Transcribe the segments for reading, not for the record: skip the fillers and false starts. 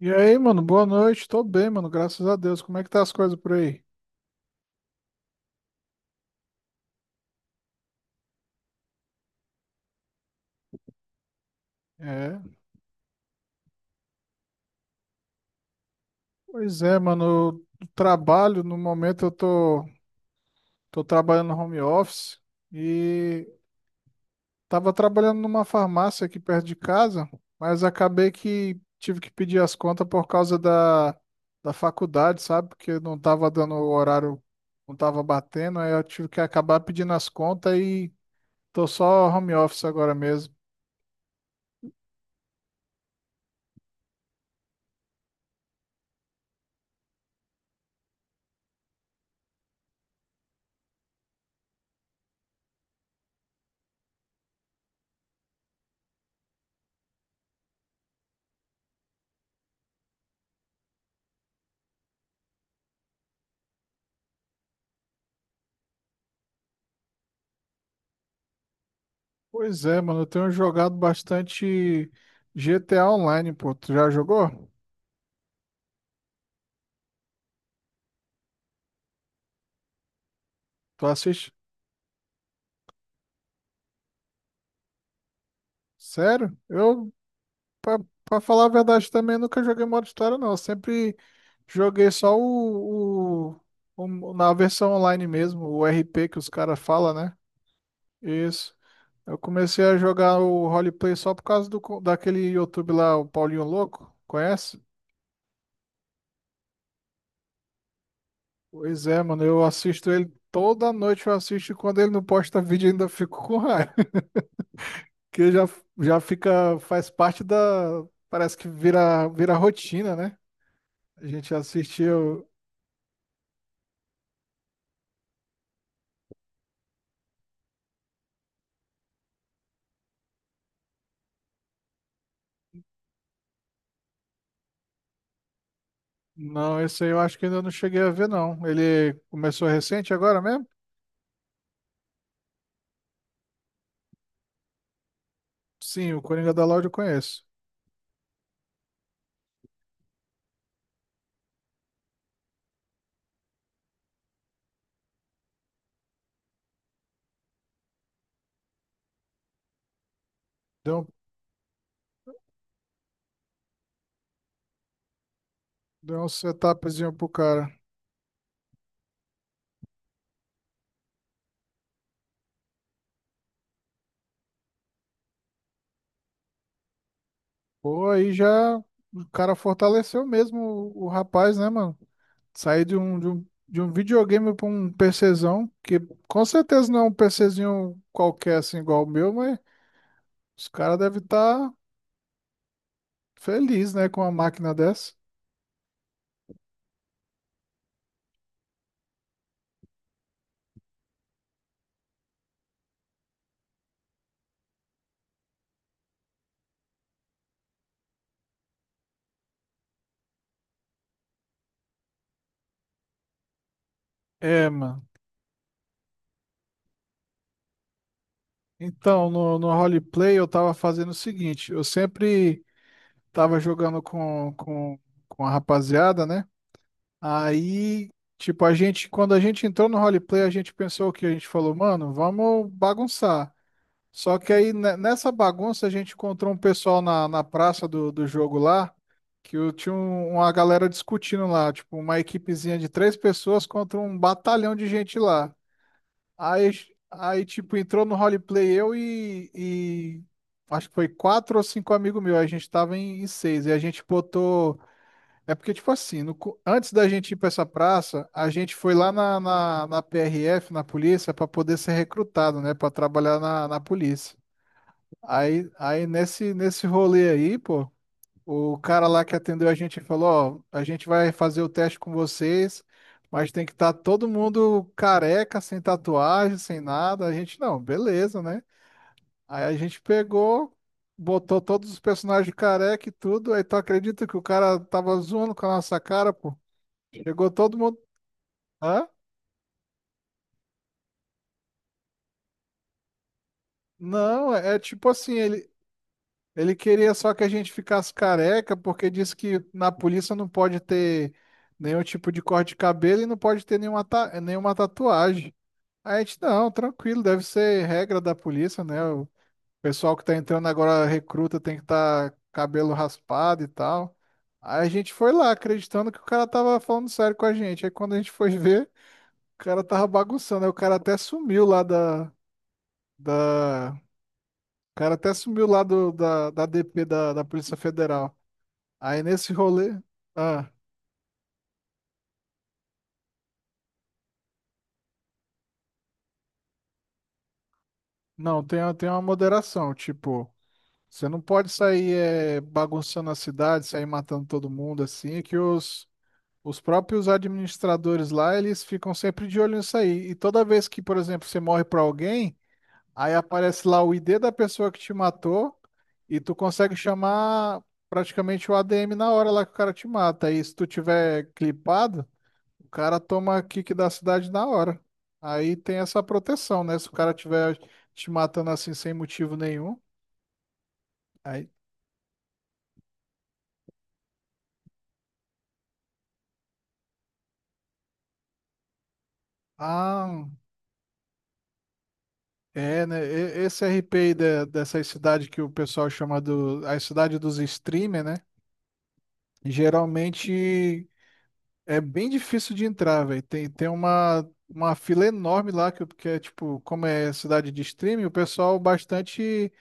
E aí, mano, boa noite. Tô bem, mano, graças a Deus. Como é que tá as coisas por aí? É, pois é, mano, eu trabalho, no momento tô trabalhando no home office e tava trabalhando numa farmácia aqui perto de casa, mas acabei que tive que pedir as contas por causa da faculdade, sabe? Porque não tava dando o horário, não tava batendo, aí eu tive que acabar pedindo as contas e tô só home office agora mesmo. Pois é, mano, eu tenho jogado bastante GTA Online, pô. Tu já jogou? Tu assiste? Sério? Pra, pra falar a verdade, também nunca joguei modo história, não. Eu sempre joguei só na versão online mesmo, o RP que os caras falam, né? Isso. Eu comecei a jogar o roleplay só por causa daquele YouTube lá, o Paulinho Louco. Conhece? Pois é, mano, eu assisto ele toda noite, eu assisto e quando ele não posta vídeo, ainda fico com raiva. que já, já fica, faz parte parece que vira rotina, né? A gente assistiu. Não, esse aí eu acho que ainda não cheguei a ver, não. Ele começou recente agora mesmo? Sim, o Coringa da Loud eu conheço. Deu, um- deu um setupzinho pro cara. Pô, aí já o cara fortaleceu mesmo o rapaz, né, mano? Saí de um videogame para um PCzão, que com certeza não é um PCzinho qualquer assim igual o meu, mas os caras devem estar tá felizes, né, com uma máquina dessa. É, mano. Então, no roleplay eu tava fazendo o seguinte, eu sempre tava jogando com a rapaziada, né? Aí, tipo, a gente, quando a gente entrou no roleplay, a gente pensou o que? A gente falou, mano, vamos bagunçar. Só que aí, nessa bagunça, a gente encontrou um pessoal na praça do jogo lá, que eu tinha uma galera discutindo lá, tipo, uma equipezinha de três pessoas contra um batalhão de gente lá. Aí, tipo, entrou no roleplay e acho que foi quatro ou cinco amigos meus. A gente tava em seis. E a gente botou. É porque, tipo assim, no co- antes da gente ir pra essa praça, a gente foi lá na PRF, na polícia, pra poder ser recrutado, né? Pra trabalhar na polícia. Aí nesse rolê aí, pô. O cara lá que atendeu a gente falou, ó, a gente vai fazer o teste com vocês, mas tem que estar todo mundo careca, sem tatuagem, sem nada. A gente, não, beleza, né? Aí a gente pegou, botou todos os personagens careca e tudo. Aí tu acredita que o cara tava zoando com a nossa cara, pô? Chegou todo mundo. Hã? Não, é tipo assim, ele queria só que a gente ficasse careca, porque disse que na polícia não pode ter nenhum tipo de corte de cabelo e não pode ter nenhuma tatuagem. Aí a gente, não, tranquilo, deve ser regra da polícia, né? O pessoal que tá entrando agora, recruta, tem que estar cabelo raspado e tal. Aí a gente foi lá, acreditando que o cara tava falando sério com a gente. Aí quando a gente foi ver, o cara tava bagunçando. Aí o cara até sumiu lá da, da... O cara até sumiu lá da DP da Polícia Federal. Aí nesse rolê, ah, não, tem, tem uma moderação, tipo, você não pode sair bagunçando a cidade, sair matando todo mundo assim, que os próprios administradores lá, eles ficam sempre de olho nisso aí. E toda vez que, por exemplo, você morre pra alguém, aí aparece lá o ID da pessoa que te matou e tu consegue chamar praticamente o ADM na hora lá que o cara te mata. E se tu tiver clipado, o cara toma kick da cidade na hora. Aí tem essa proteção, né? Se o cara tiver te matando assim sem motivo nenhum, aí. Ah, é, né? Esse RP aí dessa cidade que o pessoal chama do, a cidade dos streamer, né? Geralmente é bem difícil de entrar, velho. Tem uma fila enorme lá, que é tipo, como é cidade de streaming, o pessoal bastante.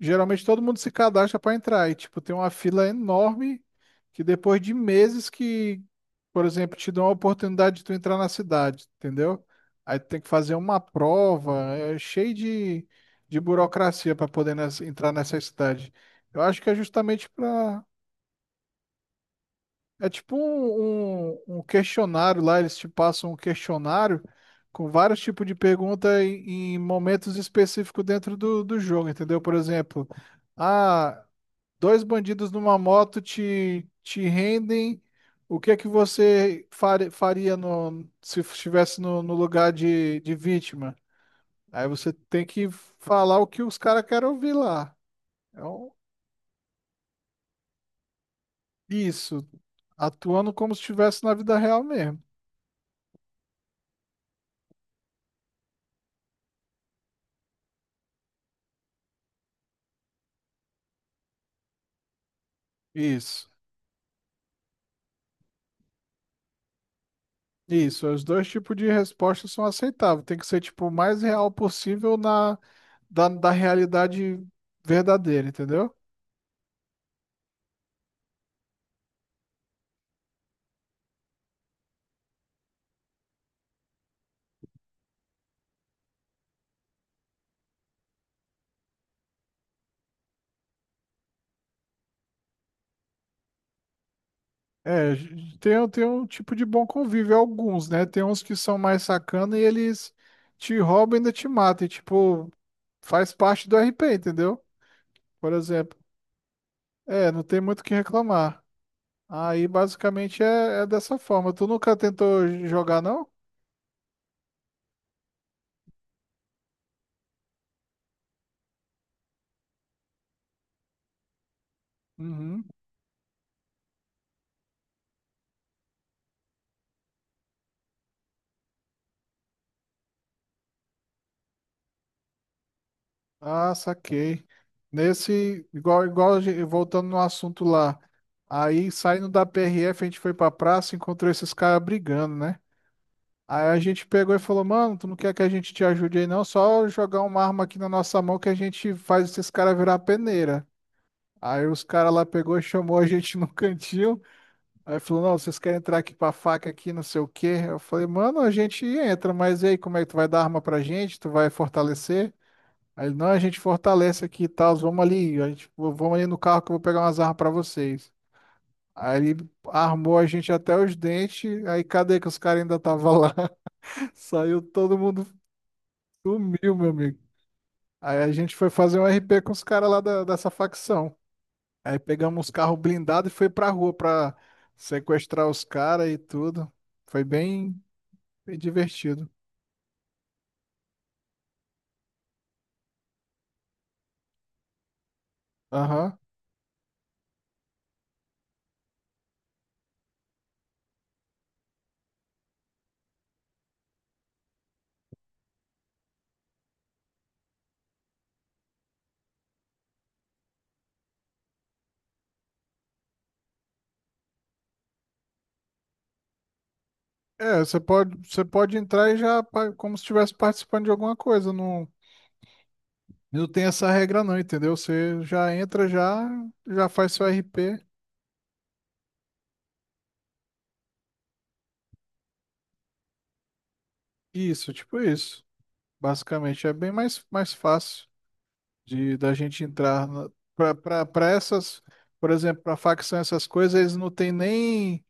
Geralmente todo mundo se cadastra para entrar e tipo tem uma fila enorme que depois de meses que, por exemplo, te dão a oportunidade de tu entrar na cidade, entendeu? Aí tu tem que fazer uma prova, é cheio de burocracia para poder entrar nessa cidade. Eu acho que é justamente para é tipo um questionário lá, eles te passam um questionário com vários tipos de pergunta em momentos específicos dentro do jogo, entendeu? Por exemplo, ah, dois bandidos numa moto te rendem. O que é que você faria se estivesse no lugar de vítima? Aí você tem que falar o que os caras querem ouvir lá. É um- isso, atuando como se estivesse na vida real mesmo. Isso, isso. Os dois tipos de resposta são aceitáveis. Tem que ser tipo o mais real possível na da realidade verdadeira, entendeu? É, tem, tem um tipo de bom convívio, alguns, né? Tem uns que são mais sacana e eles te roubam e ainda te matam. E, tipo, faz parte do RP, entendeu? Por exemplo. É, não tem muito o que reclamar. Aí, basicamente, é dessa forma. Tu nunca tentou jogar, não? Uhum. Ah, saquei. Nesse, voltando no assunto lá. Aí, saindo da PRF, a gente foi pra praça e encontrou esses caras brigando, né? Aí a gente pegou e falou, mano, tu não quer que a gente te ajude aí não? Só jogar uma arma aqui na nossa mão que a gente faz esses caras virar peneira. Aí os caras lá pegou e chamou a gente no cantinho. Aí falou, não, vocês querem entrar aqui pra faca aqui, não sei o quê. Eu falei, mano, a gente entra, mas e aí, como é que tu vai dar arma pra gente? Tu vai fortalecer? Aí ele, não, a gente fortalece aqui e tal, vamos ali, a gente, vamos ali no carro que eu vou pegar umas armas pra vocês. Aí ele armou a gente até os dentes, aí cadê que os caras ainda estavam lá? Saiu todo mundo. Sumiu, meu amigo. Aí a gente foi fazer um RP com os caras lá dessa facção. Aí pegamos os carros blindados e foi pra rua pra sequestrar os caras e tudo. Foi bem, bem divertido. Aham. É, você pode entrar e já como se estivesse participando de alguma coisa. Não, não tem essa regra não, entendeu? Você já entra, já faz seu RP. Isso, tipo isso. Basicamente é bem mais fácil de da gente entrar para essas, por exemplo, para facção essas coisas, eles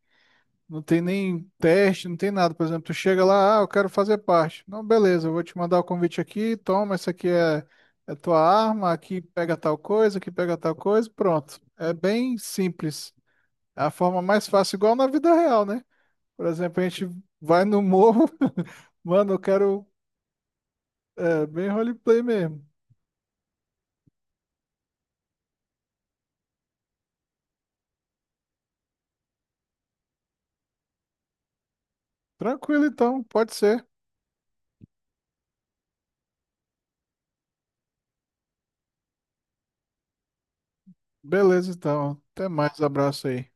não tem nem teste, não tem nada. Por exemplo, tu chega lá, ah, eu quero fazer parte. Não, beleza, eu vou te mandar o convite aqui, toma, essa aqui é tua arma, aqui pega tal coisa, aqui pega tal coisa, pronto. É bem simples. É a forma mais fácil, igual na vida real, né? Por exemplo, a gente vai no morro, mano, eu quero é, bem roleplay mesmo. Tranquilo, então, pode ser. Beleza, então. Até mais. Abraço aí.